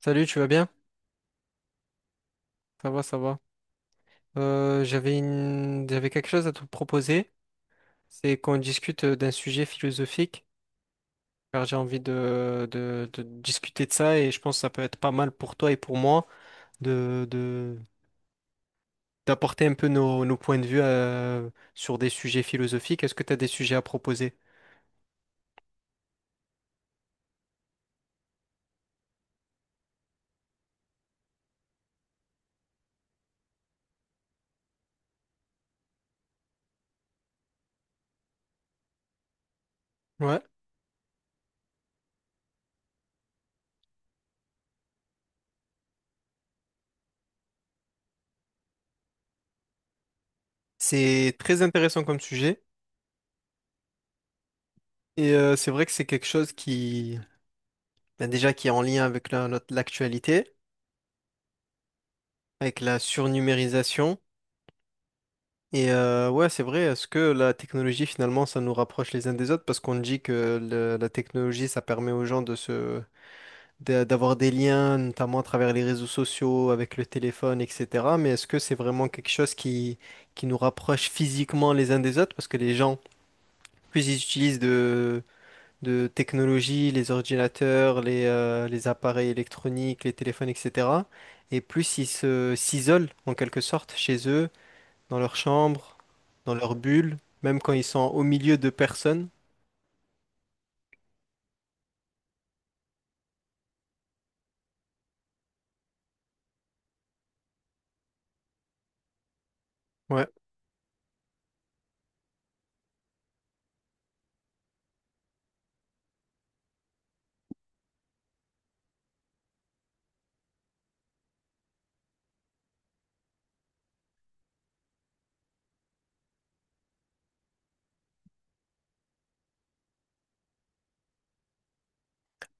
Salut, tu vas bien? Ça va, ça va. J'avais quelque chose à te proposer. C'est qu'on discute d'un sujet philosophique, car j'ai envie de discuter de ça et je pense que ça peut être pas mal pour toi et pour moi de, de, d'apporter un peu nos points de vue sur des sujets philosophiques. Est-ce que tu as des sujets à proposer? Ouais. C'est très intéressant comme sujet et c'est vrai que c'est quelque chose qui, ben déjà, qui est en lien avec l'actualité. Avec la surnumérisation. Et ouais, c'est vrai, est-ce que la technologie, finalement, ça nous rapproche les uns des autres? Parce qu'on dit que la technologie, ça permet aux gens d'avoir des liens, notamment à travers les réseaux sociaux, avec le téléphone, etc. Mais est-ce que c'est vraiment quelque chose qui nous rapproche physiquement les uns des autres? Parce que les gens, plus ils utilisent de technologie, les ordinateurs, les appareils électroniques, les téléphones, etc. Et plus ils s'isolent, en quelque sorte, chez eux dans leur chambre, dans leur bulle, même quand ils sont au milieu de personnes. Ouais.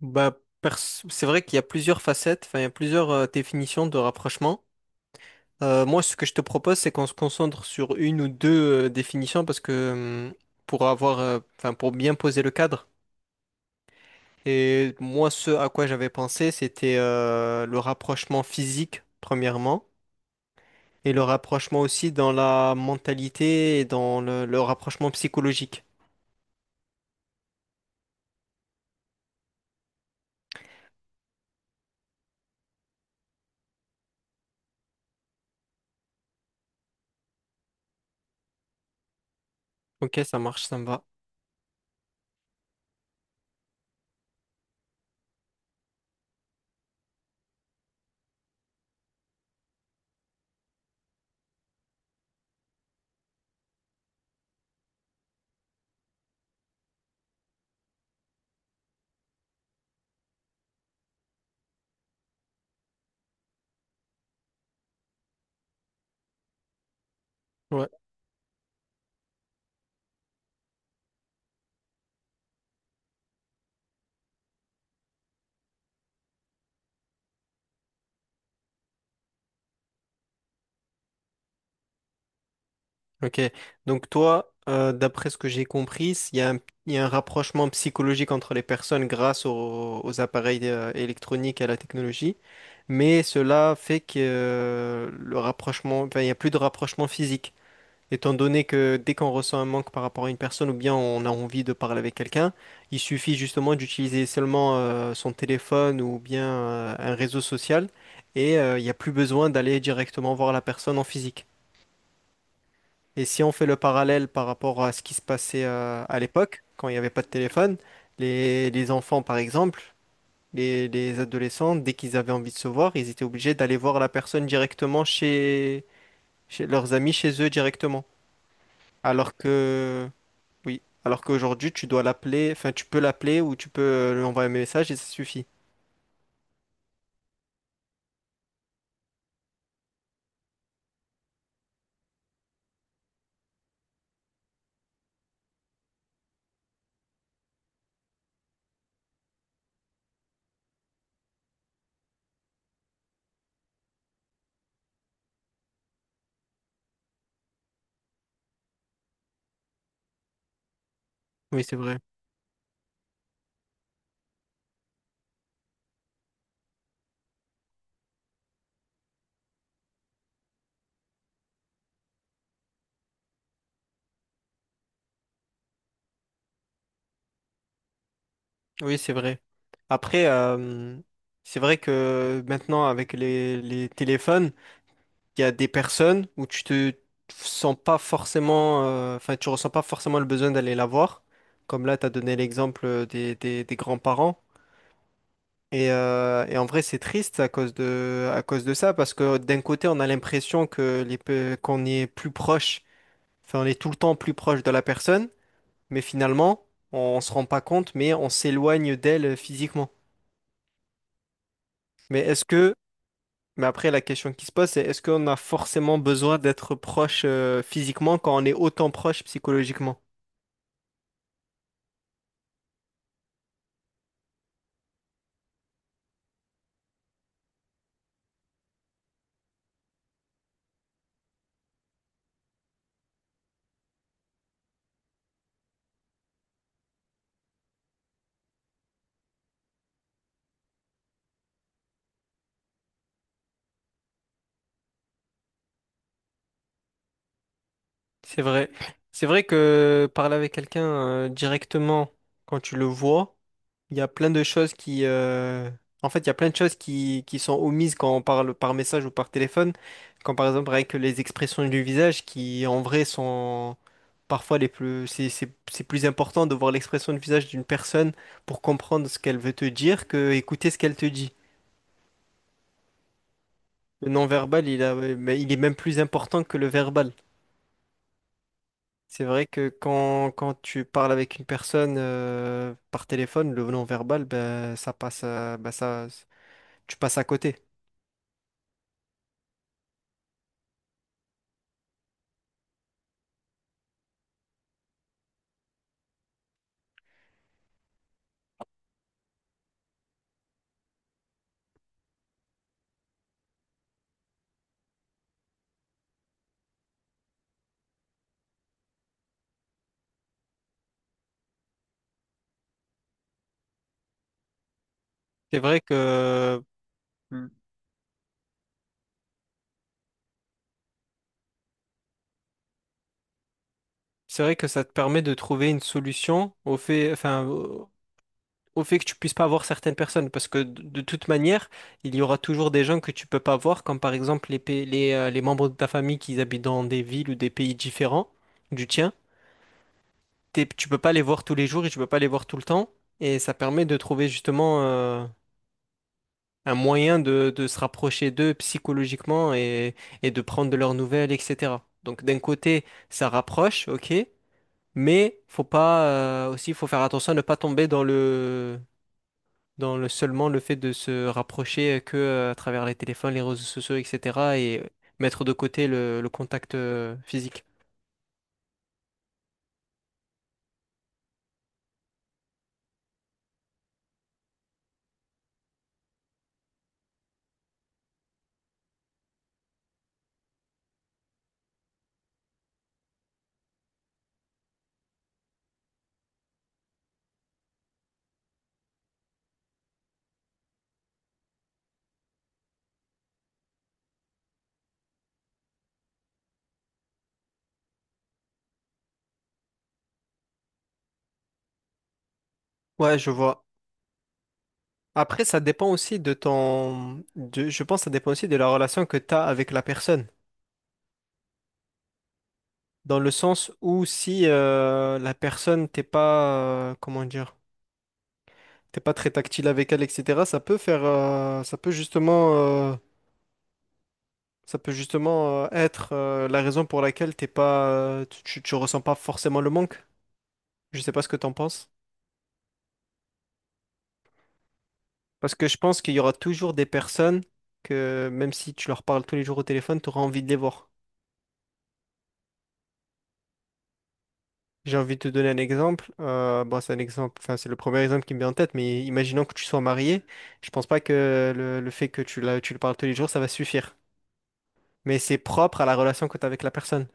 Bah, c'est vrai qu'il y a plusieurs facettes, enfin, il y a plusieurs définitions de rapprochement. Moi, ce que je te propose, c'est qu'on se concentre sur une ou deux définitions parce que pour avoir, enfin, pour bien poser le cadre. Et moi, ce à quoi j'avais pensé, c'était le rapprochement physique, premièrement, et le rapprochement aussi dans la mentalité et dans le rapprochement psychologique. Ok, ça marche, ça me va. Ouais. Ok, donc toi, d'après ce que j'ai compris, il y a un, il y a un rapprochement psychologique entre les personnes grâce aux appareils électroniques et à la technologie, mais cela fait que le rapprochement, enfin, il n'y a plus de rapprochement physique, étant donné que dès qu'on ressent un manque par rapport à une personne ou bien on a envie de parler avec quelqu'un, il suffit justement d'utiliser seulement son téléphone ou bien un réseau social et il n'y a plus besoin d'aller directement voir la personne en physique. Et si on fait le parallèle par rapport à ce qui se passait à l'époque, quand il n'y avait pas de téléphone, les enfants, par exemple, les adolescents, dès qu'ils avaient envie de se voir, ils étaient obligés d'aller voir la personne directement chez, chez leurs amis, chez eux directement. Alors que, oui, alors qu'aujourd'hui, tu dois l'appeler, enfin, tu peux l'appeler ou tu peux lui envoyer un message et ça suffit. Oui, c'est vrai. Oui, c'est vrai. Après, c'est vrai que maintenant, avec les téléphones, il y a des personnes où tu te sens pas forcément, enfin, tu ressens pas forcément le besoin d'aller la voir. Comme là, tu as donné l'exemple des grands-parents. Et en vrai, c'est triste à cause de ça, parce que d'un côté, on a l'impression que qu'on y est plus proche, enfin, on est tout le temps plus proche de la personne, mais finalement, on se rend pas compte, mais on s'éloigne d'elle physiquement. Mais est-ce que Mais après, la question qui se pose, c'est est-ce qu'on a forcément besoin d'être proche physiquement quand on est autant proche psychologiquement? C'est vrai. C'est vrai que parler avec quelqu'un directement quand tu le vois, il y a plein de choses En fait, il y a plein de choses qui sont omises quand on parle par message ou par téléphone, quand par exemple avec les expressions du visage qui en vrai sont c'est plus important de voir l'expression du visage d'une personne pour comprendre ce qu'elle veut te dire que écouter ce qu'elle te dit. Le non-verbal, mais il est même plus important que le verbal. C'est vrai que quand tu parles avec une personne par téléphone, le non-verbal, ben, ben, ça, tu passes à côté. C'est vrai que, c'est vrai que ça te permet de trouver une solution au fait, enfin, au au fait que tu puisses pas voir certaines personnes, parce que de toute manière, il y aura toujours des gens que tu peux pas voir, comme par exemple les membres de ta famille qui habitent dans des villes ou des pays différents du tien. Tu peux pas les voir tous les jours et tu peux pas les voir tout le temps. Et ça permet de trouver justement un moyen de se rapprocher d'eux psychologiquement et de prendre de leurs nouvelles, etc. Donc d'un côté, ça rapproche, ok, mais faut pas aussi, faut faire attention à ne pas tomber dans le seulement le fait de se rapprocher que à travers les téléphones, les réseaux sociaux, etc. et mettre de côté le contact physique. Ouais, je vois. Après, ça dépend aussi je pense que ça dépend aussi de la relation que tu as avec la personne. Dans le sens où si t'es pas... comment dire? T'es pas très tactile avec elle, etc. Ça peut euh, ça peut justement être la raison pour laquelle t'es pas... tu ressens pas forcément le manque. Je sais pas ce que t'en penses. Parce que je pense qu'il y aura toujours des personnes que même si tu leur parles tous les jours au téléphone, tu auras envie de les voir. J'ai envie de te donner un exemple. Bon, c'est un exemple, enfin, c'est le premier exemple qui me vient en tête, mais imaginons que tu sois marié. Je pense pas que le fait que tu le parles tous les jours, ça va suffire. Mais c'est propre à la relation que tu as avec la personne.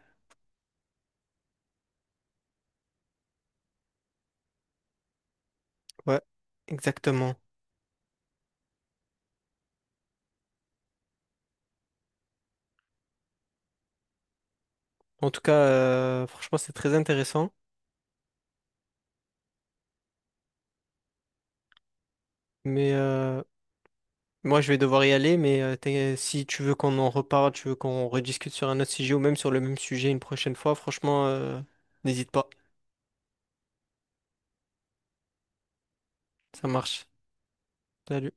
Ouais, exactement. En tout cas, franchement, c'est très intéressant. Mais moi, je vais devoir y aller. Mais si tu veux qu'on en reparle, tu veux qu'on rediscute sur un autre sujet ou même sur le même sujet une prochaine fois, franchement, n'hésite pas. Ça marche. Salut.